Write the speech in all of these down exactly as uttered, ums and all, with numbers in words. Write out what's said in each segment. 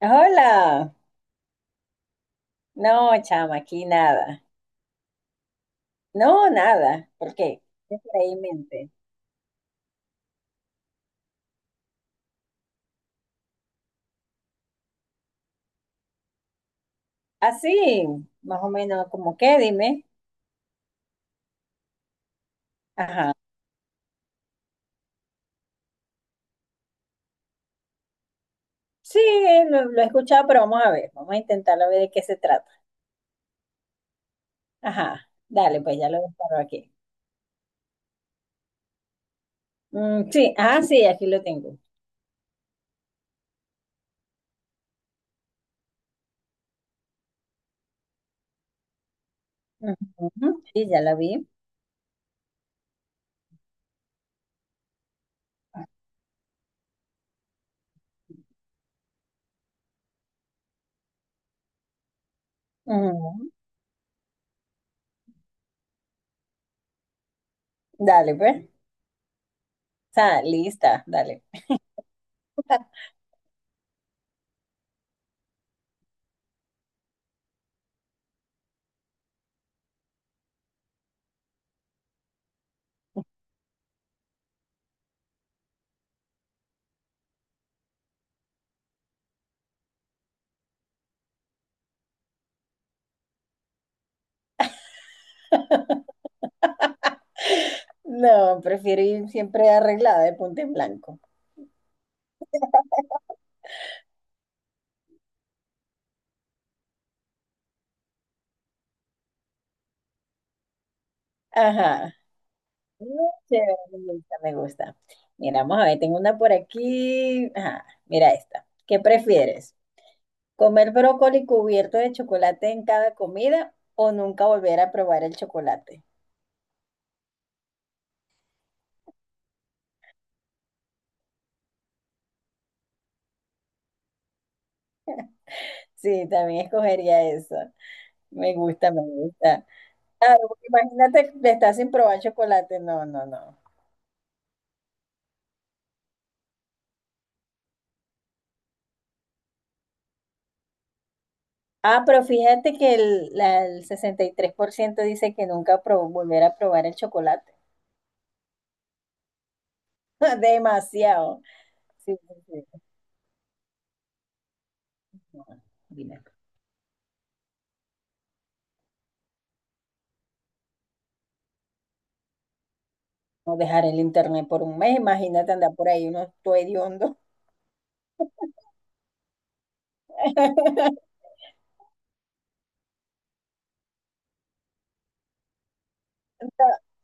Hola. No, chama, aquí nada. No, nada. ¿Por qué? ¿Qué por ahí en mente? Así, más o menos, como que, dime. Ajá. Sí, eh, lo, lo he escuchado, pero vamos a ver. Vamos a intentarlo a ver de qué se trata. Ajá. Dale, pues ya lo disparo aquí. Mm, sí, ah, sí, aquí lo tengo. Ujú. Sí, ya la vi. Ujú. Dale, pues. Está lista, dale. No, prefiero ir siempre arreglada de punto en blanco. Ajá. Chévere, me gusta, me gusta. Mira, vamos a ver, tengo una por aquí. Ajá, mira esta. ¿Qué prefieres? ¿Comer brócoli cubierto de chocolate en cada comida o nunca volver a probar el chocolate? Sí, también escogería eso. Me gusta, me gusta. Claro, porque imagínate, que estás sin probar chocolate. No, no, no. Ah, pero fíjate que el, la- el sesenta y tres por ciento dice que nunca pro- volver a probar el chocolate. Demasiado. Sí, sí, sí. No, dime. No, dejar el internet por un mes, imagínate andar por ahí uno todo hediondo.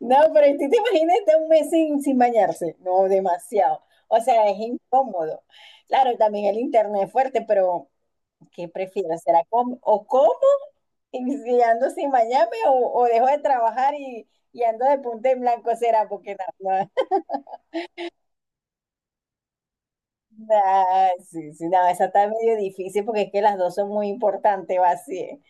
No, pero tú te imagínate un mes sin, sin bañarse. No, demasiado. O sea, es incómodo. Claro, también el internet es fuerte, pero ¿qué prefiero? ¿Será com- o como y si ando sin bañarme o, o dejo de trabajar y, y ando de punta en blanco? ¿Será? Porque no, no, no, sí, sí, no, esa está medio difícil porque es que las dos son muy importantes, va así.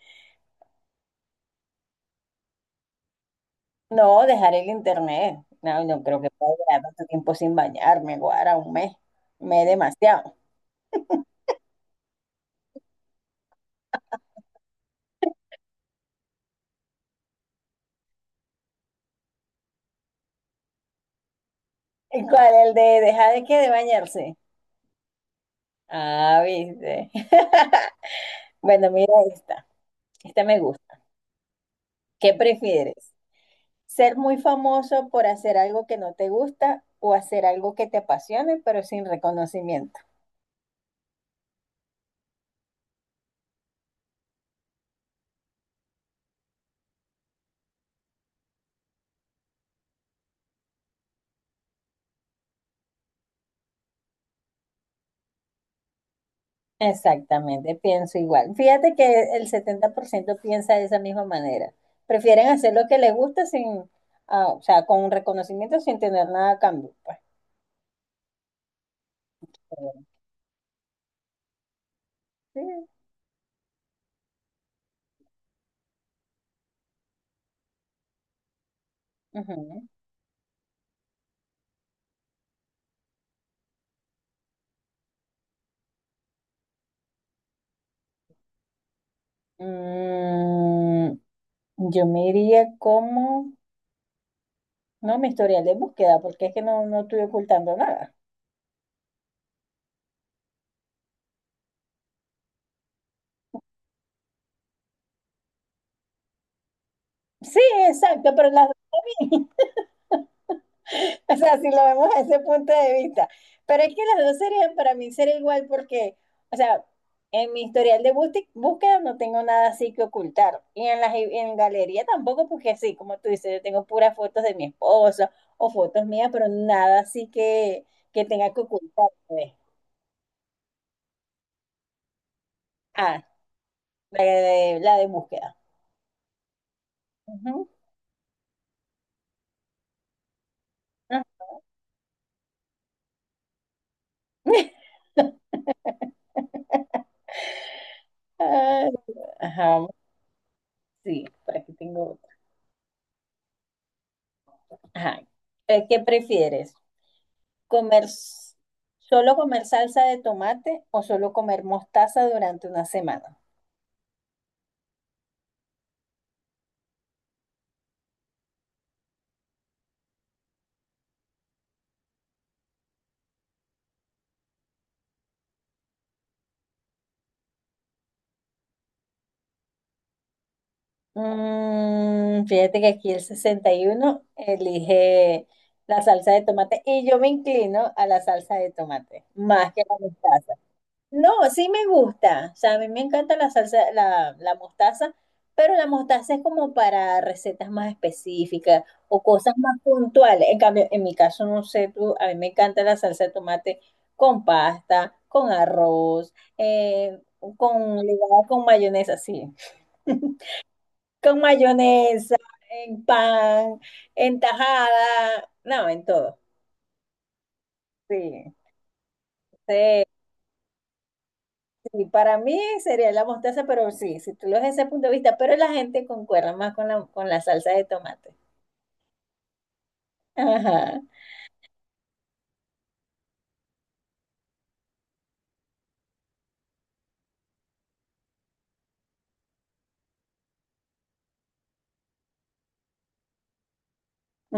No, dejar el internet. No, no creo que pueda durar tanto tiempo sin bañarme, guara, un mes. Un mes demasiado. ¿Y cuál? ¿El de dejar de qué? De bañarse. Ah, viste. Bueno, mira esta. Esta me gusta. ¿Qué prefieres? ¿Ser muy famoso por hacer algo que no te gusta o hacer algo que te apasione pero sin reconocimiento? Exactamente, pienso igual. Fíjate que el setenta por ciento piensa de esa misma manera. Prefieren hacer lo que les gusta sin, ah, o sea, con reconocimiento sin tener nada a cambio, pues. Sí. Ujú. Mm, yo me iría como, no, mi historial de búsqueda, porque es que no, no estoy ocultando nada. Sí, exacto, pero las... dos. O sea, si lo vemos desde ese punto de vista. Pero es que las dos serían para mí ser igual porque, o sea, en mi historial de bústi- búsqueda no tengo nada así que ocultar. Y en las y en galería tampoco, porque sí, como tú dices, yo tengo puras fotos de mi esposo o fotos mías, pero nada así que, que tenga que ocultar, pues. Ah, la de, la de búsqueda. Ujú. Ah. Ay, ajá, vamos, sí, por aquí tengo otra. Ajá. Eh, ¿Qué prefieres? Comer, s- Solo comer salsa de tomate o solo comer mostaza durante una semana. Mm, fíjate que aquí el sesenta y uno elige la salsa de tomate y yo me inclino a la salsa de tomate, más que la mostaza. No, sí me gusta. O sea, a mí me encanta la salsa, la, la mostaza, pero la mostaza es como para recetas más específicas o cosas más puntuales. En cambio, en mi caso, no sé tú, a mí me encanta la salsa de tomate con pasta, con arroz, eh, con ligada con mayonesa, sí. Con mayonesa, en pan, en tajada, no, en todo. Sí, sí. Sí, para mí sería la mostaza, pero sí, si tú lo ves desde ese punto de vista, pero la gente concuerda más con la, con la salsa de tomate. Ajá.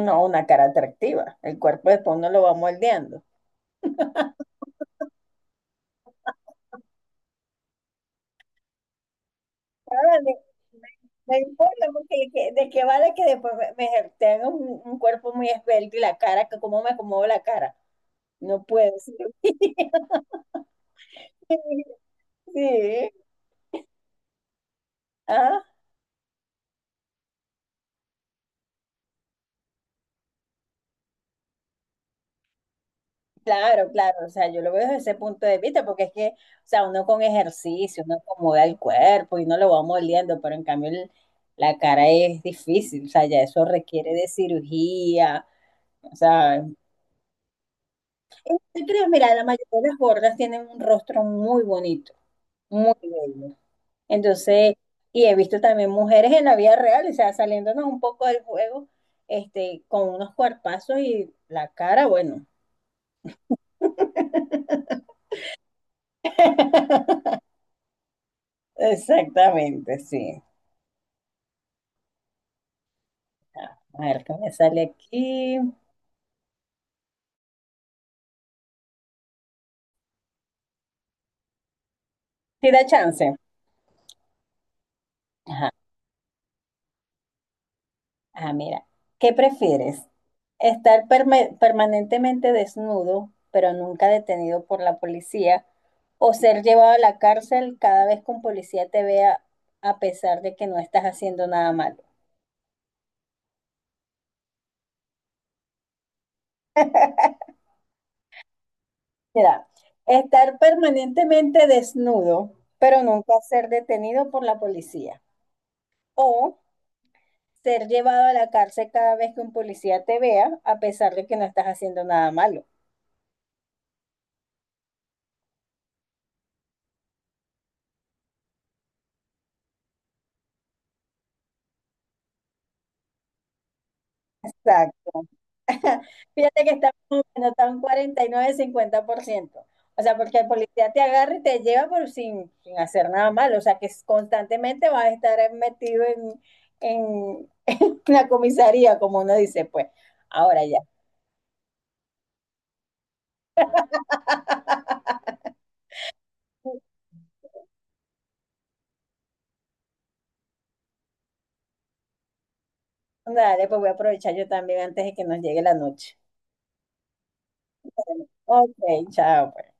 No, una cara atractiva. El cuerpo después uno lo va moldeando. Ahora, me, me- Me importa porque que- de qué vale que después me, me tenga un, un cuerpo muy esbelto y la cara, que cómo me acomodo la cara. No puedo. Sí. Sí. Claro, claro, o sea, yo lo veo desde ese punto de vista, porque es que, o sea, uno con ejercicio, uno acomoda el cuerpo y no lo va moliendo, pero en cambio el- la cara es difícil, o sea, ya eso requiere de cirugía, o sea, no te crees, mira, la mayoría de las gordas tienen un rostro muy bonito, muy bello. Entonces, y he visto también mujeres en la vida real, o sea, saliéndonos un poco del juego, este, con unos cuerpazos y la cara, bueno. Exactamente, sí. A ver, ¿qué me sale aquí? Si da chance. Ajá. Ah, mira. ¿Qué prefieres? ¿Estar perme- permanentemente desnudo, pero nunca detenido por la policía? ¿O ser llevado a la cárcel cada vez que un policía te vea a pesar de que no estás haciendo nada malo? Mira, estar permanentemente desnudo, pero nunca ser detenido por la policía. O ser llevado a la cárcel cada vez que un policía te vea a pesar de que no estás haciendo nada malo. Exacto. Fíjate que está más o menos, está un cuarenta y nueve-cincuenta por ciento. O sea, porque el policía te agarra y te lleva por sin, sin hacer nada malo. O sea, que es- constantemente vas a estar metido en, en la comisaría, como uno dice, pues. Ahora ya. Dale, pues voy a aprovechar yo también antes de que nos llegue la noche. Ok, chao, pues.